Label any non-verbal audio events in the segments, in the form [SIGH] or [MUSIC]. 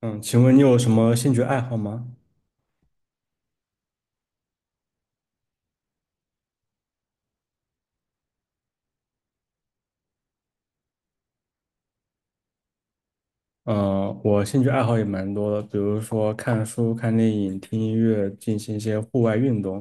嗯，请问你有什么兴趣爱好吗？嗯，我兴趣爱好也蛮多的，比如说看书、看电影、听音乐，进行一些户外运动。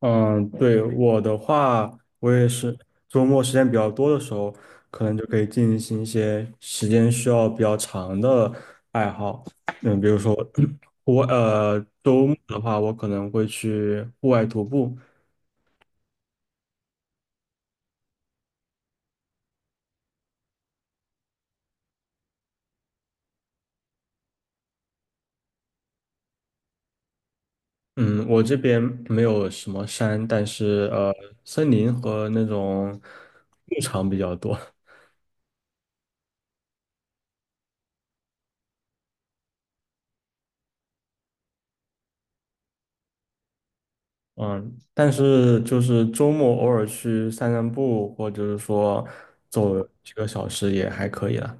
嗯，对，我的话，我也是周末时间比较多的时候，可能就可以进行一些时间需要比较长的爱好。比如说 [CLEARS THROAT] 户外，周末的话，我可能会去户外徒步，嗯，我这边没有什么山，但是森林和那种牧场比较多。嗯，但是就是周末偶尔去散散步，或者是说走几个小时也还可以了。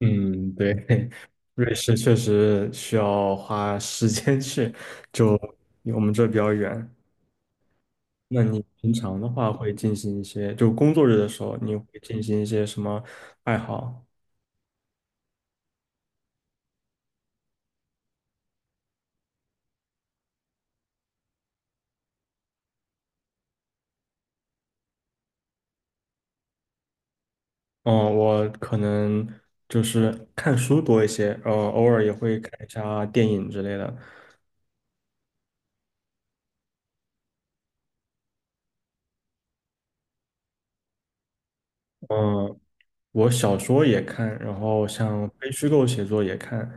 嗯，对，[LAUGHS] 瑞士确实需要花时间去，就离我们这比较远。那你平常的话会进行一些，就工作日的时候，你会进行一些什么爱好？嗯，我可能就是看书多一些，偶尔也会看一下电影之类的。嗯，我小说也看，然后像非虚构写作也看。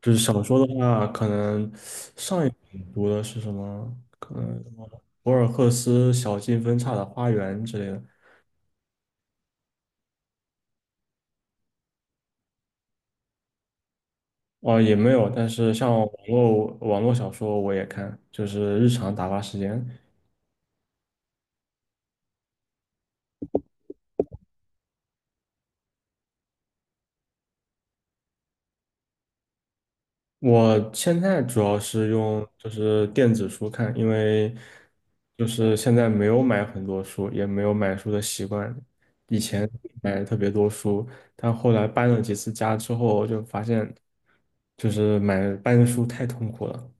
就是小说的话，可能上一本读的是什么？可能什么博尔赫斯《小径分岔的花园》之类的。哦，也没有，但是像网络小说我也看，就是日常打发时间。我现在主要是用就是电子书看，因为就是现在没有买很多书，也没有买书的习惯。以前买特别多书，但后来搬了几次家之后，就发现就是买搬书太痛苦了。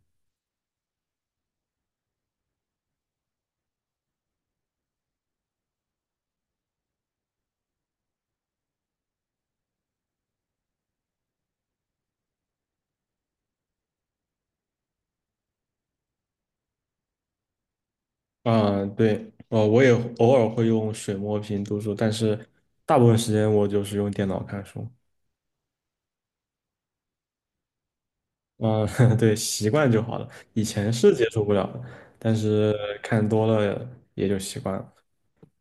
啊、对，我也偶尔会用水墨屏读书，但是大部分时间我就是用电脑看书。嗯，[LAUGHS] 对，习惯就好了。以前是接受不了的，但是看多了也就习惯了。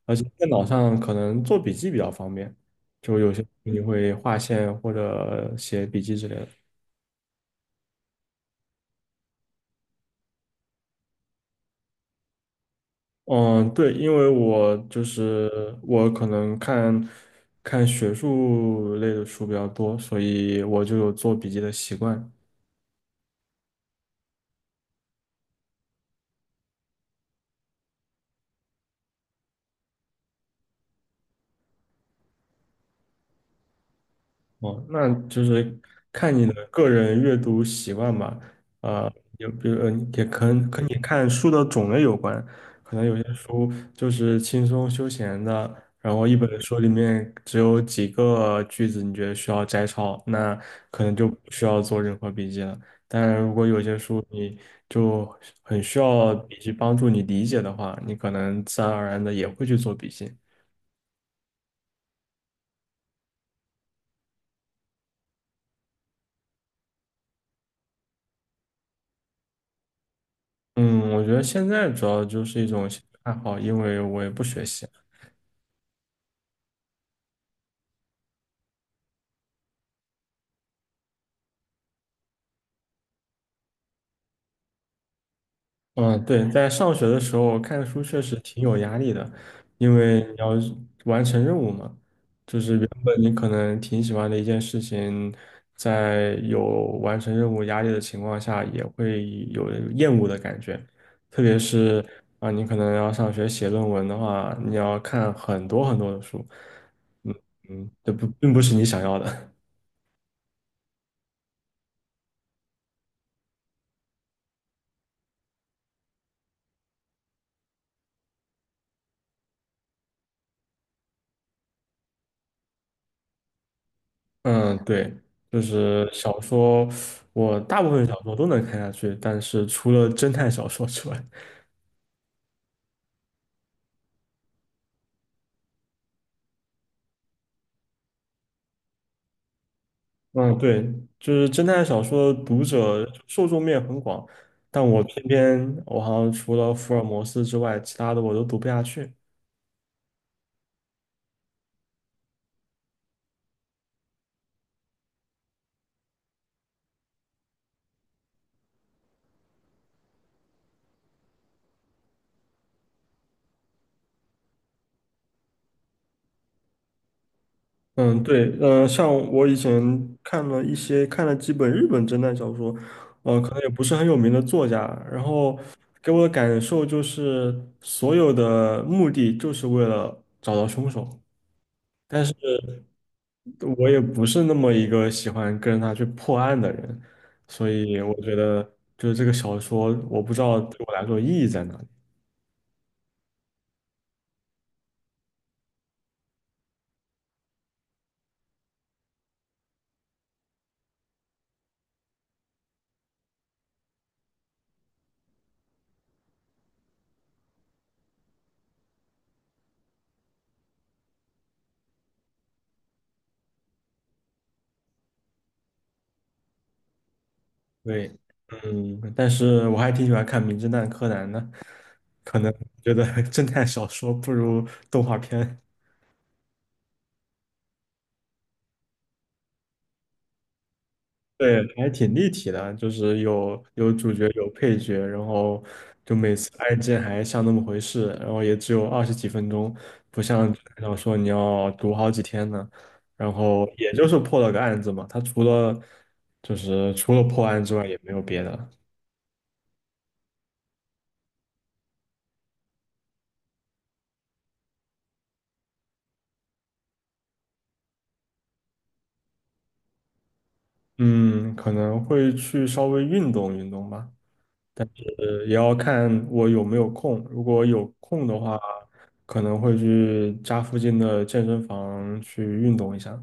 而且电脑上可能做笔记比较方便，就有些你会划线或者写笔记之类的。嗯，对，因为我就是我可能看看学术类的书比较多，所以我就有做笔记的习惯。哦，那就是看你的个人阅读习惯吧。啊、有比如也可能跟你看书的种类有关，可能有些书就是轻松休闲的，然后一本书里面只有几个句子，你觉得需要摘抄，那可能就不需要做任何笔记了。但然，如果有些书你就很需要笔记帮助你理解的话，你可能自然而然的也会去做笔记。嗯，我觉得现在主要就是一种兴趣爱好，因为我也不学习。嗯，对，在上学的时候看书确实挺有压力的，因为你要完成任务嘛。原本你可能挺喜欢的一件事情，在有完成任务压力的情况下，也会有厌恶的感觉。特别是啊，你可能要上学写论文的话，你要看很多很多的书，嗯这不并不是你想要的。嗯，对，就是小说，我大部分小说都能看下去，但是除了侦探小说之外，[LAUGHS] 嗯，对，就是侦探小说的读者受众面很广，但我偏偏好像除了福尔摩斯之外，其他的我都读不下去。嗯，对，像我以前看了一些，看了几本日本侦探小说，可能也不是很有名的作家，然后给我的感受就是，所有的目的就是为了找到凶手。我也不是那么一个喜欢跟着他去破案的人，所以我觉得就是这个小说，我不知道对我来说意义在哪里。对，但是我还挺喜欢看《名侦探柯南》的，可能觉得 [LAUGHS] 侦探小说不如动画片。对，还挺立体的，就是有主角有配角，然后就每次案件还像那么回事，然后也只有20几分钟，不像纸质小说你要读好几天呢。然后也就是破了个案子嘛，他除了就是除了破案之外也没有别的。嗯，可能会去稍微运动运动吧，也要看我有没有空。如果有空的话，可能会去家附近的健身房去运动一下。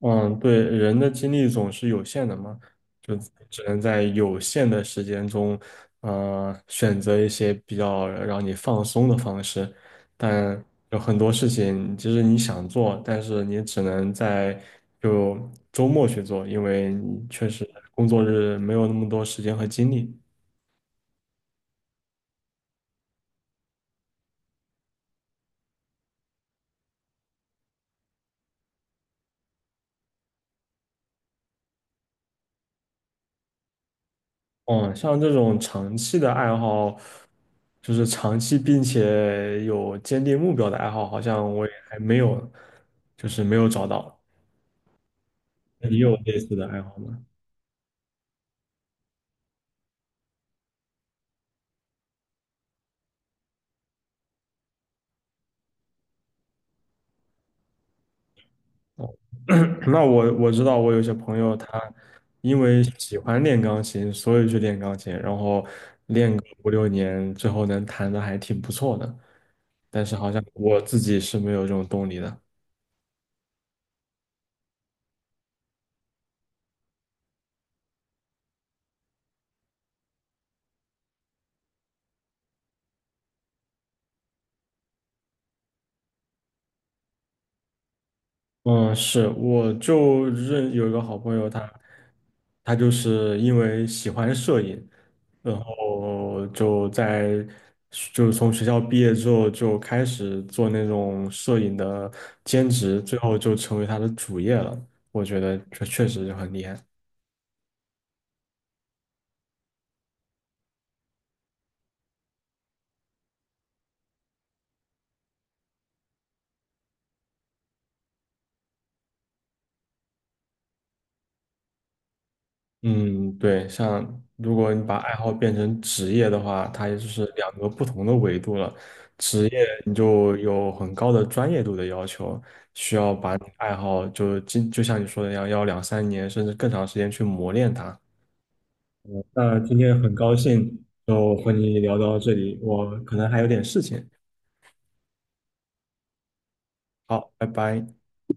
嗯，对，人的精力总是有限的嘛，就只能在有限的时间中，选择一些比较让你放松的方式。但有很多事情，其实你想做，但是你只能在就周末去做，因为你确实工作日没有那么多时间和精力。嗯，像这种长期的爱好，就是长期并且有坚定目标的爱好，好像我也还没有，就是没有找到。那你有类似的爱好吗？哦，[COUGHS] [CLEARS THROAT] 那我知道，我有些朋友他因为喜欢练钢琴，所以去练钢琴，然后练个五六年，最后能弹的还挺不错的。但是好像我自己是没有这种动力的。嗯，是，我就认有一个好朋友他，他就是因为喜欢摄影，然后就在就从学校毕业之后就开始做那种摄影的兼职，最后就成为他的主业了。我觉得这确实就很厉害。嗯，对，像如果你把爱好变成职业的话，它也就是两个不同的维度了。职业你就有很高的专业度的要求，需要把你爱好就今就像你说的一样，要两三年甚至更长时间去磨练它。那今天很高兴就和你聊到这里，我可能还有点事情，好，拜拜。